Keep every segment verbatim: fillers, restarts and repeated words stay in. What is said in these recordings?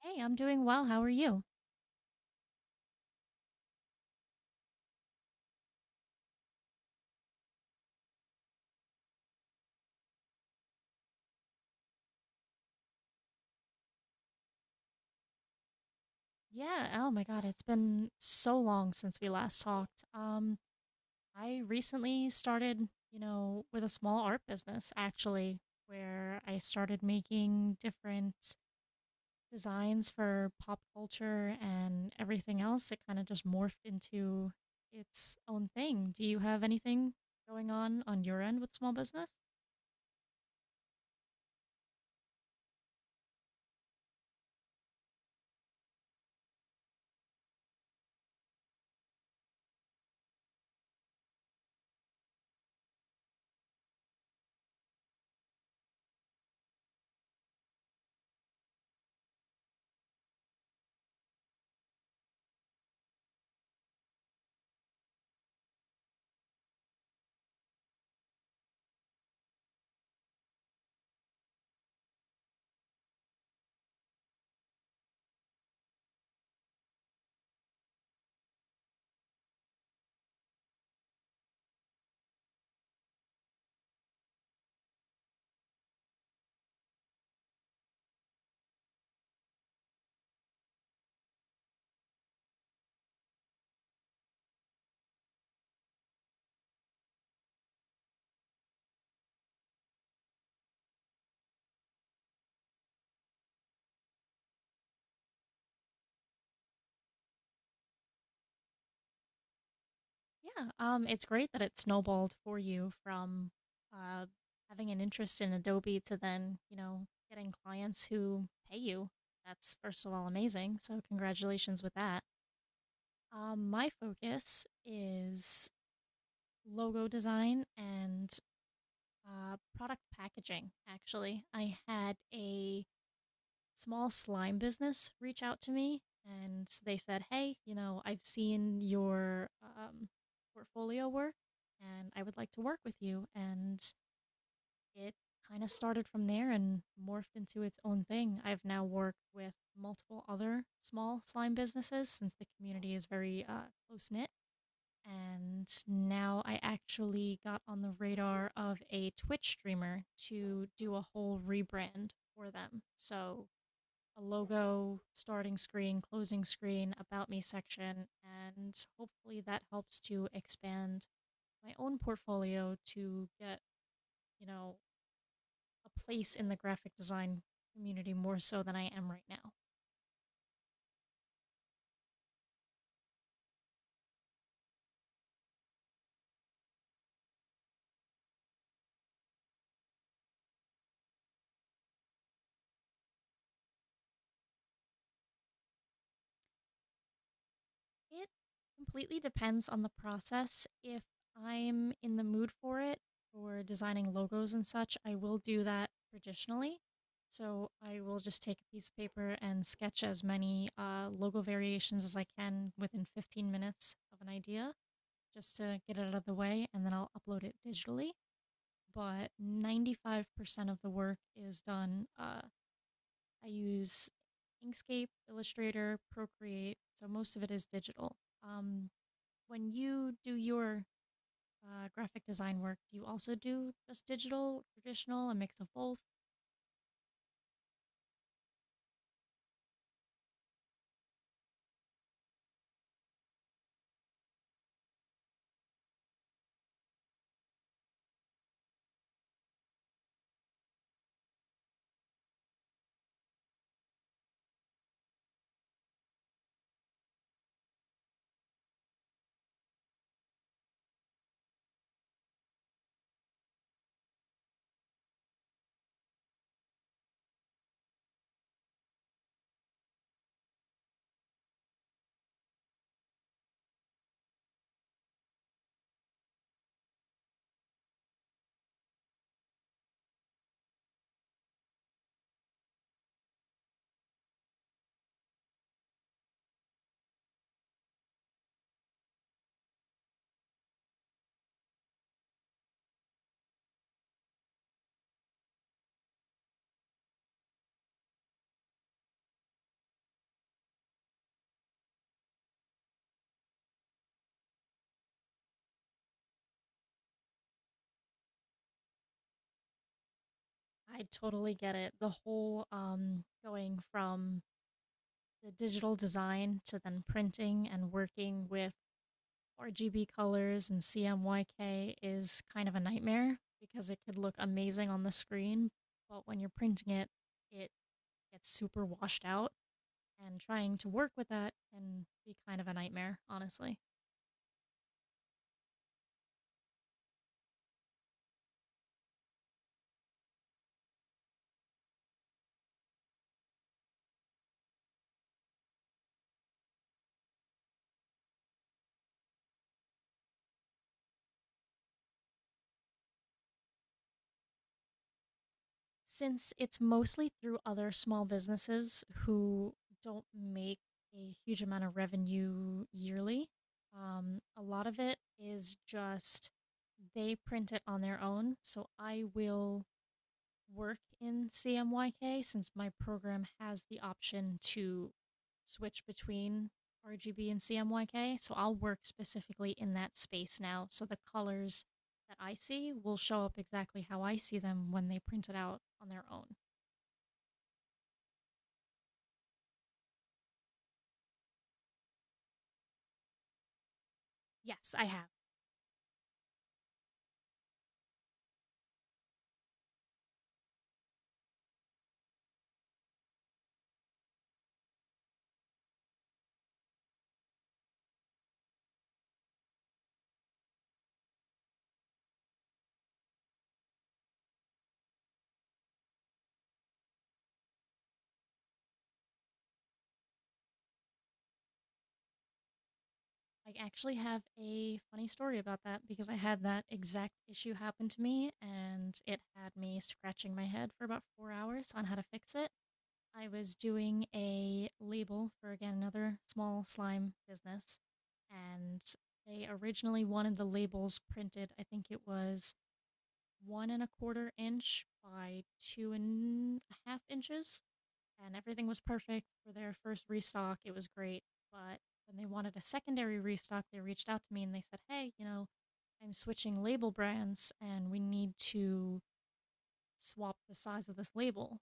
Hey, I'm doing well. How are you? Yeah, oh my God, it's been so long since we last talked. Um, I recently started, you know, with a small art business actually, where I started making different designs for pop culture and everything else. It kind of just morphed into its own thing. Do you have anything going on on your end with small business? Yeah, um, it's great that it snowballed for you from uh, having an interest in Adobe to then, you know, getting clients who pay you. That's, first of all, amazing. So congratulations with that. Um, my focus is logo design and uh, product packaging. Actually, I had a small slime business reach out to me and they said, "Hey, you know, I've seen your um, portfolio work, and I would like to work with you." And it kind of started from there and morphed into its own thing. I've now worked with multiple other small slime businesses since the community is very uh, close knit. And now I actually got on the radar of a Twitch streamer to do a whole rebrand for them. So a logo, starting screen, closing screen, about me section, and hopefully that helps to expand my own portfolio to get, you know, a place in the graphic design community more so than I am right now. It completely depends on the process. If I'm in the mood for it, for designing logos and such, I will do that traditionally. So I will just take a piece of paper and sketch as many uh, logo variations as I can within fifteen minutes of an idea just to get it out of the way, and then I'll upload it digitally. But ninety-five percent of the work is done. Uh, I use Inkscape, Illustrator, Procreate, so most of it is digital. Um, when you do your uh, graphic design work, do you also do just digital, traditional, a mix of both? I totally get it. The whole um, going from the digital design to then printing and working with R G B colors and C M Y K is kind of a nightmare because it could look amazing on the screen, but when you're printing it, it gets super washed out, and trying to work with that can be kind of a nightmare, honestly. Since it's mostly through other small businesses who don't make a huge amount of revenue yearly, um, a lot of it is just they print it on their own. So I will work in C M Y K since my program has the option to switch between R G B and C M Y K. So I'll work specifically in that space now. So the colors that I see will show up exactly how I see them when they print it out on their own. Yes, I have. I actually have a funny story about that because I had that exact issue happen to me and it had me scratching my head for about four hours on how to fix it. I was doing a label for, again, another small slime business, and they originally wanted the labels printed. I think it was one and a quarter inch by two and a half inches, and everything was perfect for their first restock. It was great, but when they wanted a secondary restock, they reached out to me and they said, "Hey, you know, I'm switching label brands, and we need to swap the size of this label,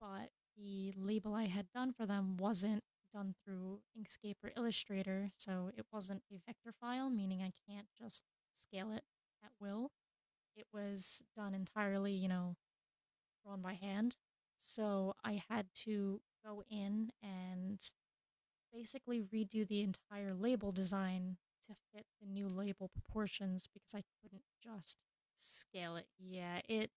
but the label I had done for them wasn't done through Inkscape or Illustrator, so it wasn't a vector file, meaning I can't just scale it at will. It was done entirely, you know, drawn by hand. So I had to go in and basically redo the entire label design to fit the new label proportions because I couldn't just scale it." Yeah, it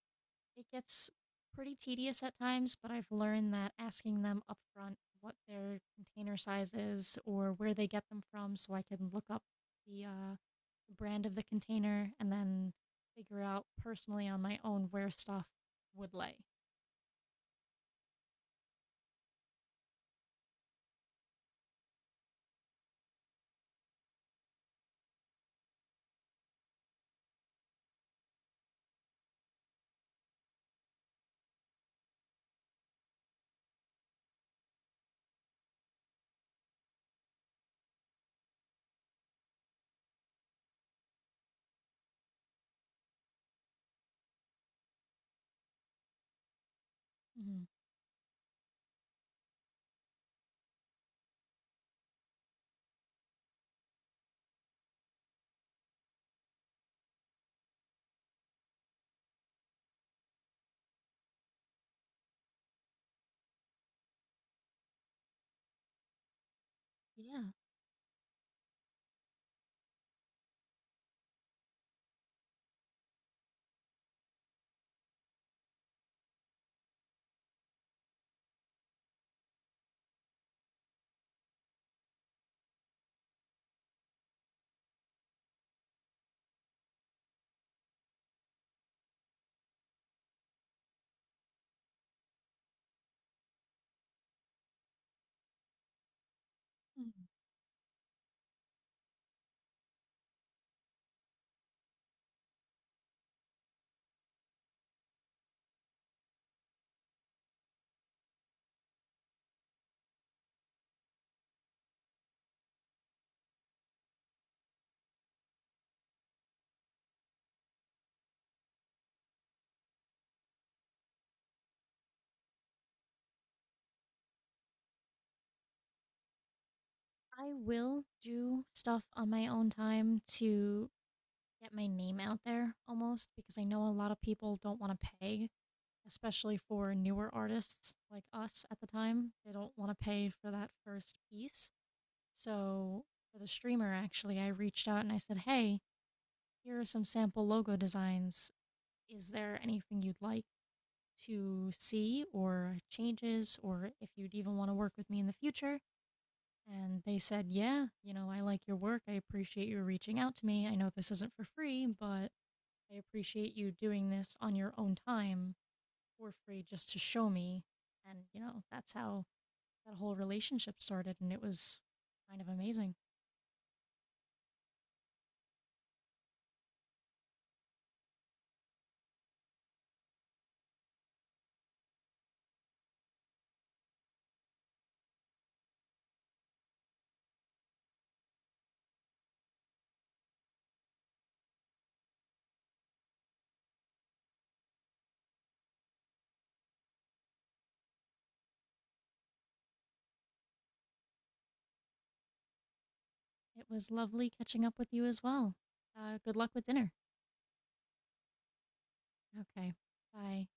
it gets pretty tedious at times, but I've learned that asking them upfront what their container size is or where they get them from, so I can look up the uh, brand of the container and then figure out personally on my own where stuff would lay. Hmm. Yeah. Mm. I will do stuff on my own time to get my name out there almost, because I know a lot of people don't want to pay, especially for newer artists like us at the time. They don't want to pay for that first piece. So, for the streamer, actually, I reached out and I said, "Hey, here are some sample logo designs. Is there anything you'd like to see or changes, or if you'd even want to work with me in the future?" And they said, "Yeah, you know, I like your work. I appreciate you reaching out to me. I know this isn't for free, but I appreciate you doing this on your own time for free just to show me." And, you know, that's how that whole relationship started. And it was kind of amazing. It was lovely catching up with you as well. Uh, good luck with dinner. Okay. Bye.